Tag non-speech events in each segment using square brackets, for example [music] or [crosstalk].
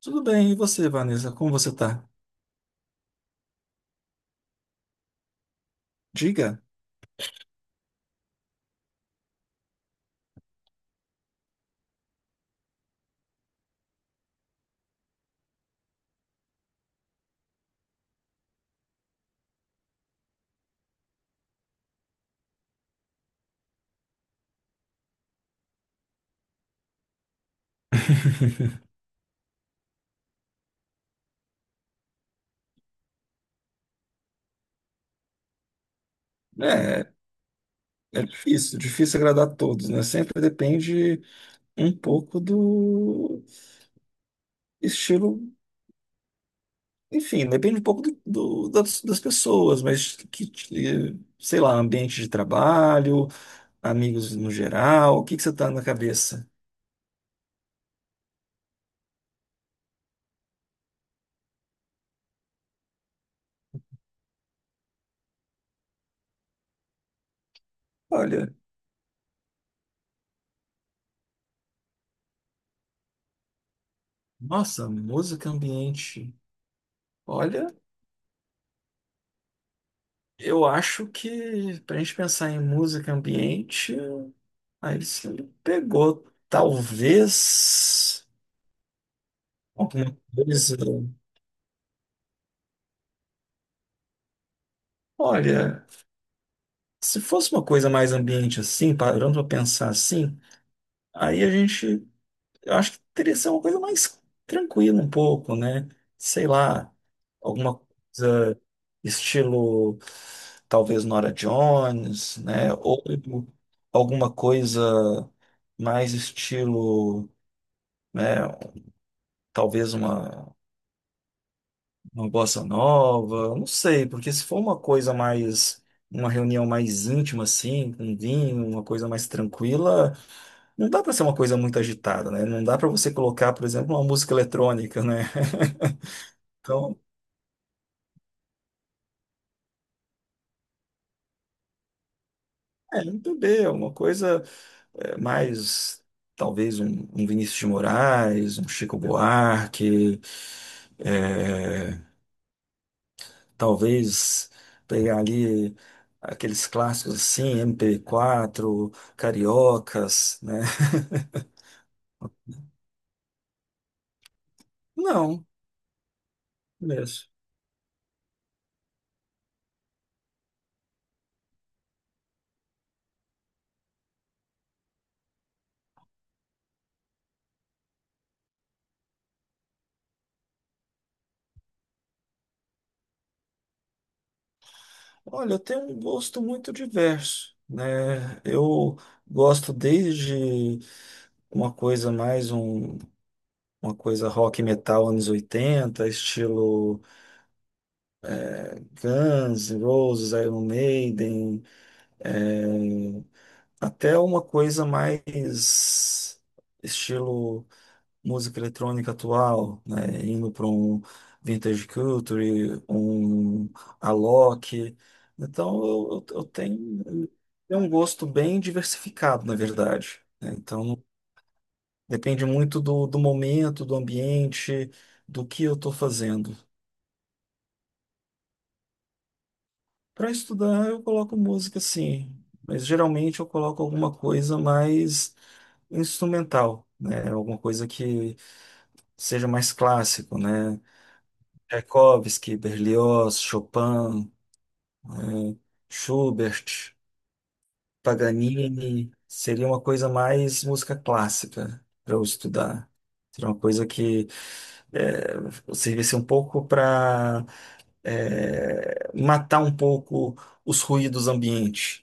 Tudo bem, e você, Vanessa? Como você tá? Diga. É, é difícil, difícil agradar a todos, né? Sempre depende um pouco do estilo, enfim, depende um pouco das pessoas, mas sei lá, ambiente de trabalho, amigos no geral, o que que você tá na cabeça? Olha, nossa, música, ambiente. Olha, eu acho que para a gente pensar em música, ambiente. Aí você me pegou, talvez, alguma coisa. Olha, se fosse uma coisa mais ambiente assim, parando para pensar assim, aí a gente, eu acho que teria que ser uma coisa mais tranquila um pouco, né? Sei lá, alguma coisa estilo, talvez Nora Jones, né? Ou alguma coisa mais estilo, né? Talvez uma bossa nova, não sei, porque se for uma coisa mais, uma reunião mais íntima assim, com vinho, uma coisa mais tranquila, não dá para ser uma coisa muito agitada, né? Não dá para você colocar, por exemplo, uma música eletrônica, né? [laughs] Então, é, um bebê, uma coisa é, mais, talvez um Vinícius de Moraes, um Chico Buarque, é, talvez pegar ali aqueles clássicos assim, MP4, Cariocas, né? Não, mesmo. Olha, eu tenho um gosto muito diverso, né? Eu gosto desde uma coisa mais uma coisa rock e metal anos 80 estilo Guns, Roses, Iron Maiden, é, até uma coisa mais estilo música eletrônica atual, né? Indo para um vintage culture, um Alok. Então eu tenho um gosto bem diversificado, na verdade, né? Então depende muito do momento, do ambiente, do que eu estou fazendo. Para estudar, eu coloco música, sim, mas geralmente eu coloco alguma coisa mais instrumental, né? Alguma coisa que seja mais clássico, né? Tchaikovsky, Berlioz, Chopin, eh, Schubert, Paganini, seria uma coisa mais música clássica para eu estudar. Seria uma coisa que servisse um pouco para matar um pouco os ruídos ambientes.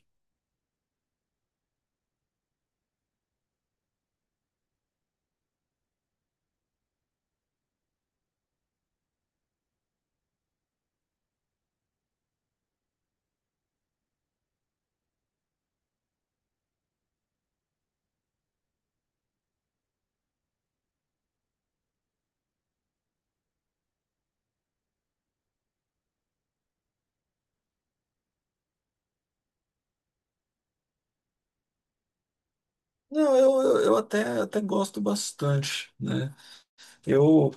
Não, eu até gosto bastante, né? Eu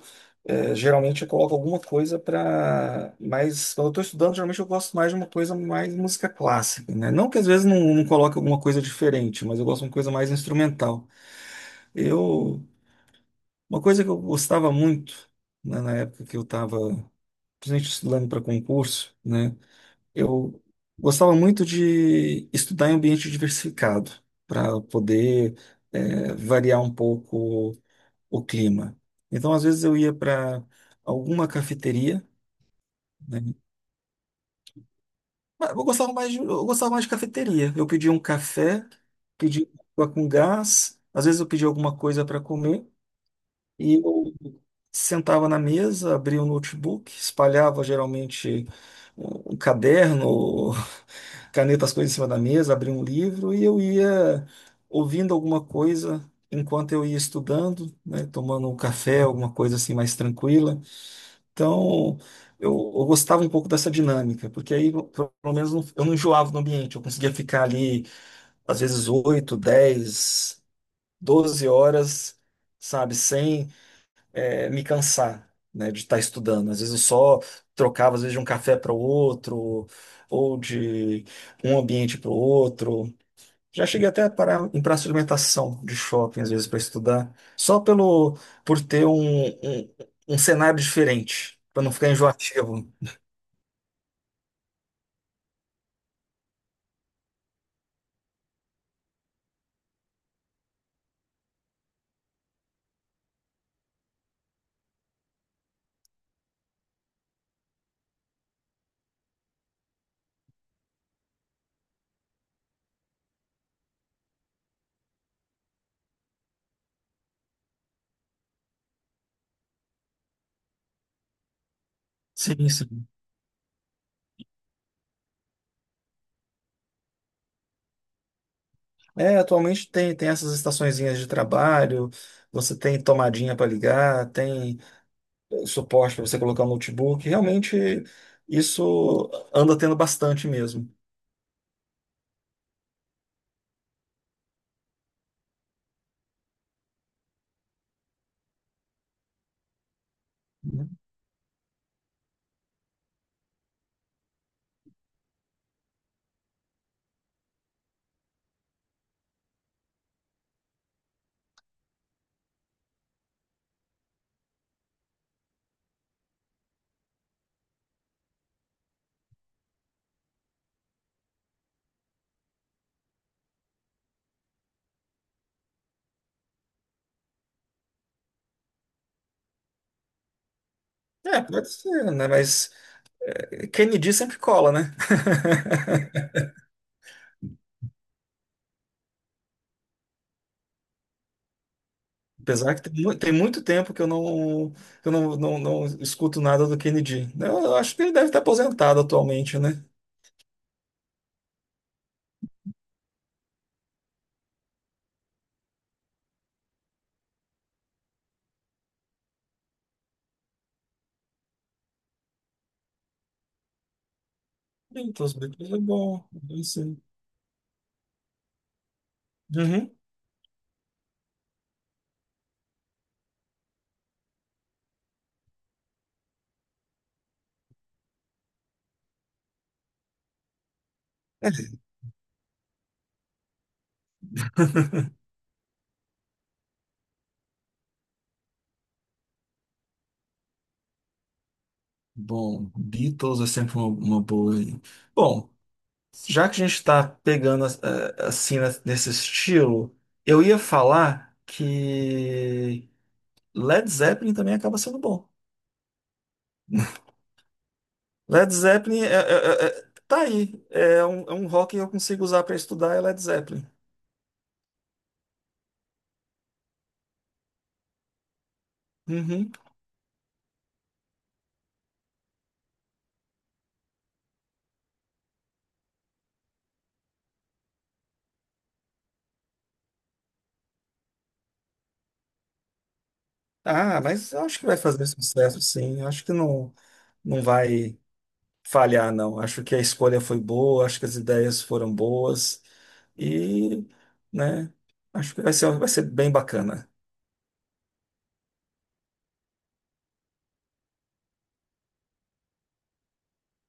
Geralmente eu coloco alguma coisa para mais, quando eu estou estudando, geralmente eu gosto mais de uma coisa mais música clássica, né? Não que às vezes não, coloque alguma coisa diferente, mas eu gosto de uma coisa mais instrumental. Eu uma coisa que eu gostava muito, né, na época que eu estava principalmente estudando para concurso, né? Eu gostava muito de estudar em ambiente diversificado para poder variar um pouco o clima. Então, às vezes, eu ia para alguma cafeteria, né? Mas Eu gostava mais de, eu gostava mais de cafeteria. Eu pedia um café, pedia água com gás, às vezes eu pedia alguma coisa para comer e eu sentava na mesa, abria o notebook, espalhava geralmente um caderno, [laughs] caneta, as coisas em cima da mesa, abria um livro e eu ia ouvindo alguma coisa enquanto eu ia estudando, né? Tomando um café, alguma coisa assim mais tranquila. Então, eu gostava um pouco dessa dinâmica, porque aí, pelo menos, eu não enjoava no ambiente, eu conseguia ficar ali, às vezes, 8, 10, 12 horas, sabe, sem me cansar, né, de estar estudando. Às vezes eu só trocava, às vezes, de um café para o outro, ou de um ambiente para o outro. Já cheguei até a parar em praça de alimentação de shopping, às vezes, para estudar, só pelo, por ter um cenário diferente, para não ficar enjoativo. Sim, sim. É, atualmente tem essas estaçõezinhas de trabalho, você tem tomadinha para ligar, tem suporte para você colocar o notebook. Realmente, isso anda tendo bastante, mesmo. É, pode ser, né? Mas quem me diz sempre cola, né? [laughs] Apesar que tem muito tempo que eu não escuto nada do Kennedy. Eu acho que ele deve estar aposentado atualmente, né? Então, os Beatles é bom. É isso aí. Uhum. Bom, Beatles é sempre uma boa aí. Bom, já que a gente está pegando assim, né, nesse estilo, eu ia falar que Led Zeppelin também acaba sendo bom. Led Zeppelin, tá aí. É um rock que eu consigo usar para estudar é Led Zeppelin. Uhum. Ah, mas eu acho que vai fazer sucesso, sim. Eu acho que não, não vai falhar, não. Acho que a escolha foi boa, acho que as ideias foram boas. E, né, acho que vai ser bem bacana.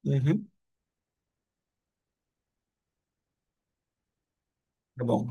Uhum, tá bom.